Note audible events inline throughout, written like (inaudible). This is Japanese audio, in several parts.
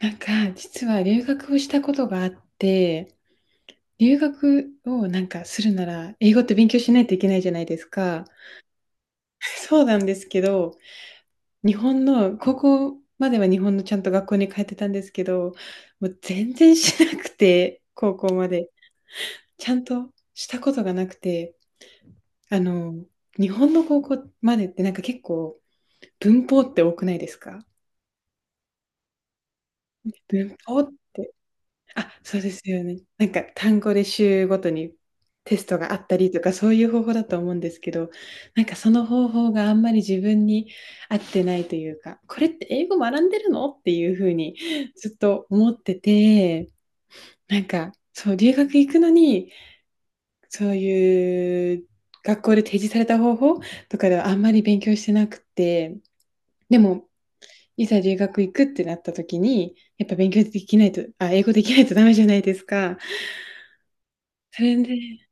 なんか、実は留学をしたことがあって、留学をなんかするなら、英語って勉強しないといけないじゃないですか。(laughs) そうなんですけど、日本の、高校までは日本のちゃんと学校に通ってたんですけど、もう全然しなくて、高校まで。ちゃんとしたことがなくて、あの、日本の高校までってなんか結構文法って多くないですか？文法って。あ、そうですよね。なんか単語で週ごとにテストがあったりとかそういう方法だと思うんですけど、なんかその方法があんまり自分に合ってないというか、これって英語学んでるのっていうふうにずっと思ってて、なんかそう留学行くのにそういう学校で提示された方法とかではあんまり勉強してなくて、でもいざ留学行くってなった時に、やっぱ勉強できないと、あ、英語できないとダメじゃないですか。それで、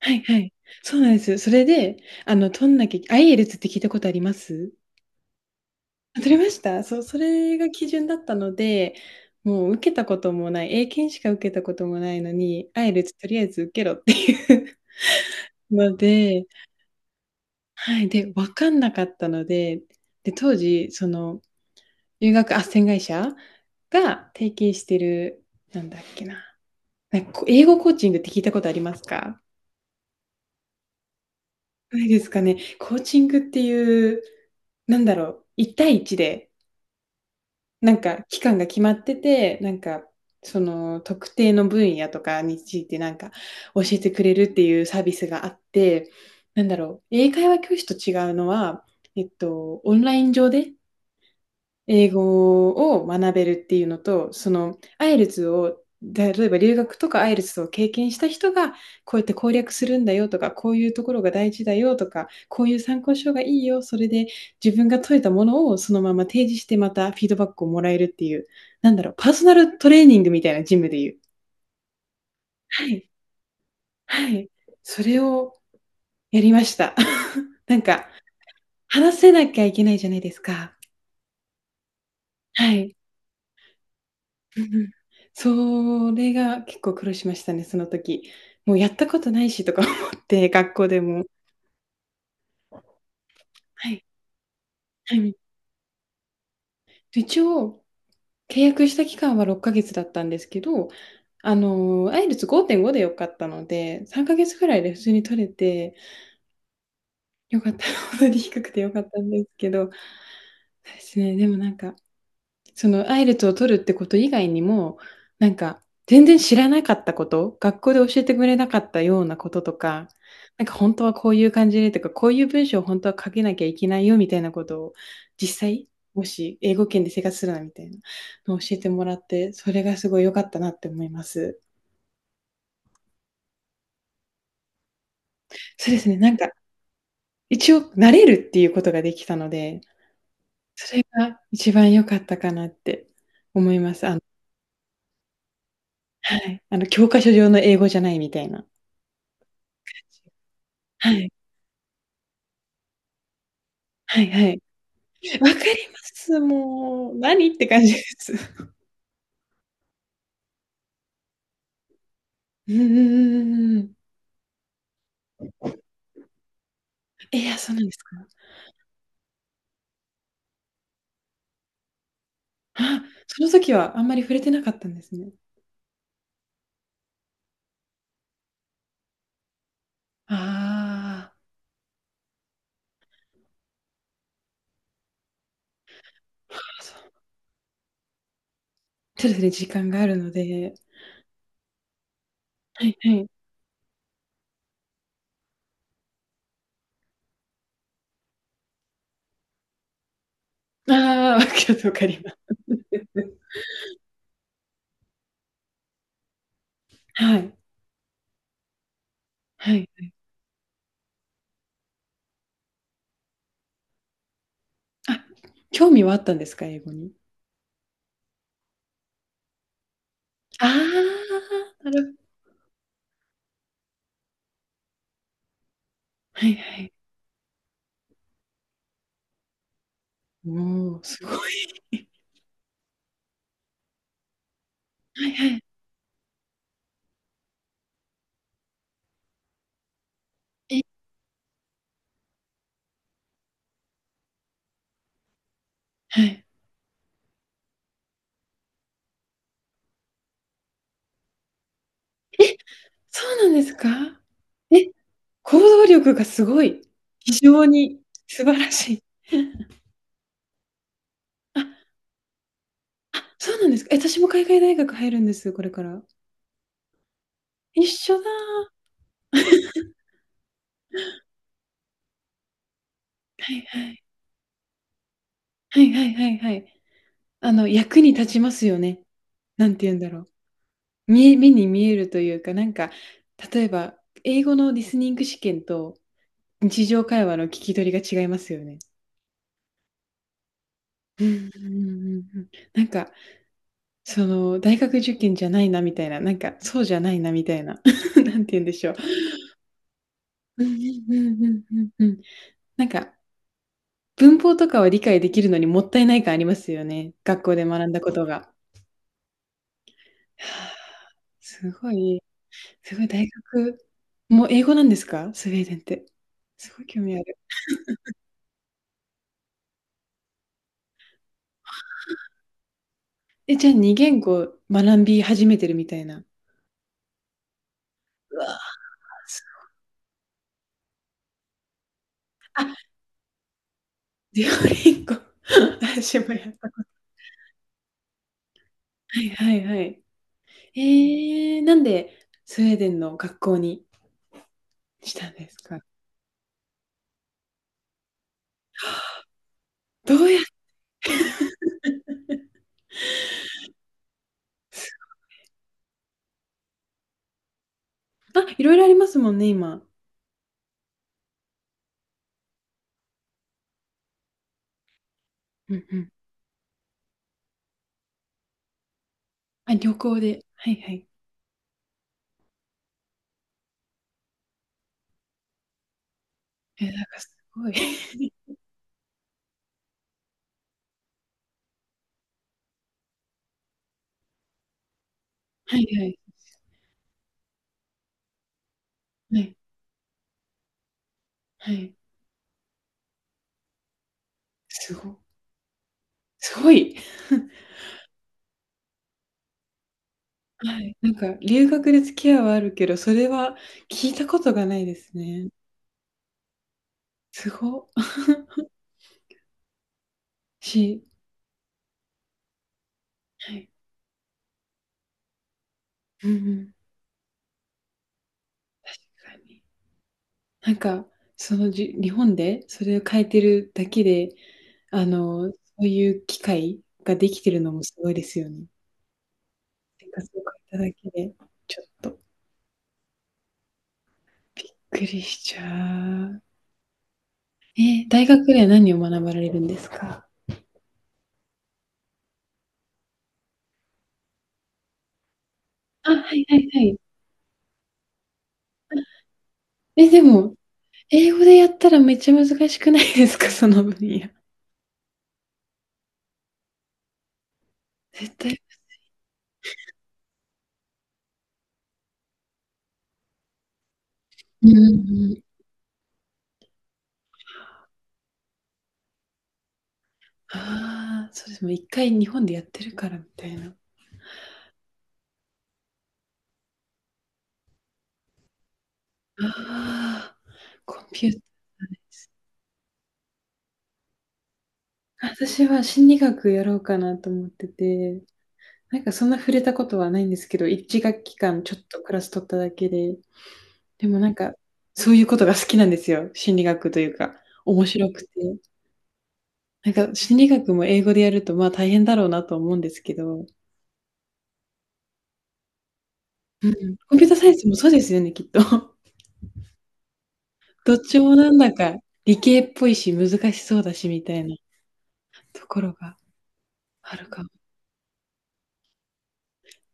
はいはい。そうなんですよ。それで、取んなきゃ、IELTS って聞いたことあります？あ、取れました。そう、それが基準だったので、もう受けたこともない、英検しか受けたこともないのに、IELTS とりあえず受けろっていう (laughs) ので、はい。で、わかんなかったので、で、当時、その、留学斡旋会社が提携してる、なんだっけな。なんかこう英語コーチングって聞いたことありますか？ないですかね。コーチングっていう、なんだろう、1対1で、なんか期間が決まってて、なんか、その特定の分野とかについてなんか教えてくれるっていうサービスがあって、なんだろう、英会話教師と違うのは、オンライン上で英語を学べるっていうのと、その、アイエルズを、例えば留学とかアイエルズを経験した人が、こうやって攻略するんだよとか、こういうところが大事だよとか、こういう参考書がいいよ、それで自分が解いたものをそのまま提示してまたフィードバックをもらえるっていう、なんだろう、パーソナルトレーニングみたいなジムでいう。はい、はい。それをやりました。(laughs) なんか、話せなきゃいけないじゃないですか。はい。うんうん。それが結構苦労しましたね、その時。もうやったことないしとか思って、(laughs) 学校でも。はい、はい。一応、契約した期間は6ヶ月だったんですけど、IELTS5.5 で良かったので、3ヶ月ぐらいで普通に取れて、良かった、(laughs) ほ当に低くて良かったんですけど、そうですね、でもなんかそのアイルツを取るってこと以外にも、なんか全然知らなかったこと、学校で教えてくれなかったようなこととか、なんか本当はこういう感じでとか、こういう文章を本当は書けなきゃいけないよみたいなことを実際、もし英語圏で生活するなみたいなのを教えてもらって、それがすごい良かったなって思います。そうですね、なんか一応慣れるっていうことができたので、それが一番良かったかなって思います。はい、あの教科書上の英語じゃないみたいな。はい。はいはい。わかります。もう、何って感じです。うんうんうんうんうん。え、いや、そうなんですか。あ、その時はあんまり触れてなかったんですね。ああ、はあ、そう。そうですね、時間があるので。はいはい。ああ、わかるわかります。はい、はい。あ、興味はあったんですか？英語に。ああ、はいはい。おお、すごい。はいはい。え、はい。え、そうなんですか？え、行動力がすごい。非常に素晴らしい。(laughs) あ、あ、そうなんですか。え、私も海外大学入るんです、これから。一緒だ。はいはい。はいはいはいはい。役に立ちますよね。なんて言うんだろう。目に見えるというか、なんか、例えば、英語のリスニング試験と日常会話の聞き取りが違いますよね。うんうんうんうんうん。なんか、その、大学受験じゃないなみたいな、なんか、そうじゃないなみたいな、(laughs) なんて言うんでしょう。うんうんうんうんうんうん。なんか、文法とかは理解できるのにもったいない感ありますよね。学校で学んだことが。はあ、すごい、すごい大学も英語なんですか？スウェーデンって。すごい興味ある。え、じゃあ2言語学び始めてるみたいな。うわ、すデュオリンゴ、私もやったこと。はいはいはい。なんでスウェーデンの学校にしたんですか？どうやあ、いろいろありますもんね、今。うんうん。あ、旅行で。はいはい。え、なんかすごい。(laughs) はいはい。はい、はい。すごすごい。(laughs) はい、なんか留学で付き合いはあるけど、それは聞いたことがないですね。すご。(laughs) しはい。うんうん。確かに。なんか、その、日本でそれを変えてるだけで、そういう機会ができてるのもすごいですよね。生活を変えただけで、ちょっとびっくりしちゃう。大学では何を学ばれるんですか？あ、はいはいはい。え、でも、英語でやったらめっちゃ難しくないですか？ (laughs) その分野。絶対。うんうんうん。ああ、そうです。もう一回日本でやってるからみたいな。ああ、コンピューターね。私は心理学やろうかなと思ってて、なんかそんな触れたことはないんですけど、一学期間ちょっとクラス取っただけで、でもなんか、そういうことが好きなんですよ。心理学というか、面白くて。なんか心理学も英語でやると、まあ、大変だろうなと思うんですけど、うん。コンピューターサイエンスもそうですよね、きっと。(laughs) どっちもなんだか理系っぽいし、難しそうだしみたいなところがあるかも。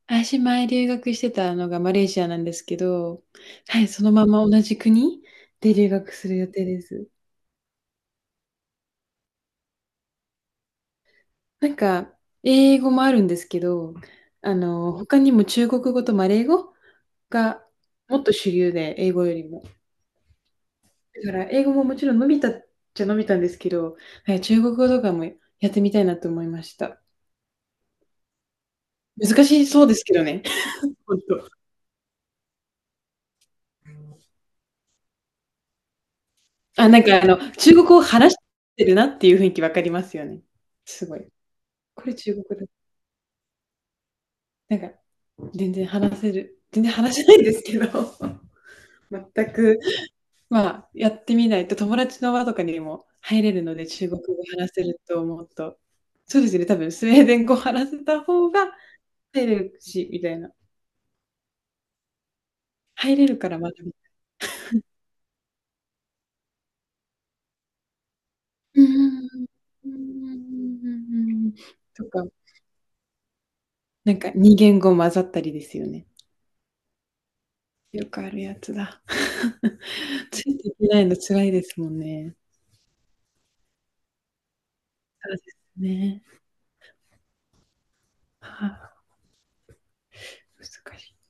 私、前留学してたのがマレーシアなんですけど、はい、そのまま同じ国で留学する予定です。なんか、英語もあるんですけど、他にも中国語とマレー語がもっと主流で、英語よりも。だから英語ももちろん伸びたっちゃ伸びたんですけど、はい、中国語とかもやってみたいなと思いました。難しそうですけどね。(laughs) 本当。あ、なんか中国語を話してるなっていう雰囲気わかりますよね。すごい。これ中国語だ。なんか全然話せる。全然話せないんですけど、(laughs) 全く、まあ、やってみないと友達の輪とかにも入れるので、中国語話せると思うと、そうですね、多分スウェーデン語話せた方が入れるし、みたいな。入れるから学びうんうんうんうんうんうんとか、なんか2言語混ざったりですよね。よくあるやつだ。(laughs) ついていけないの辛いですもんね。そうですね。はあ、難しい。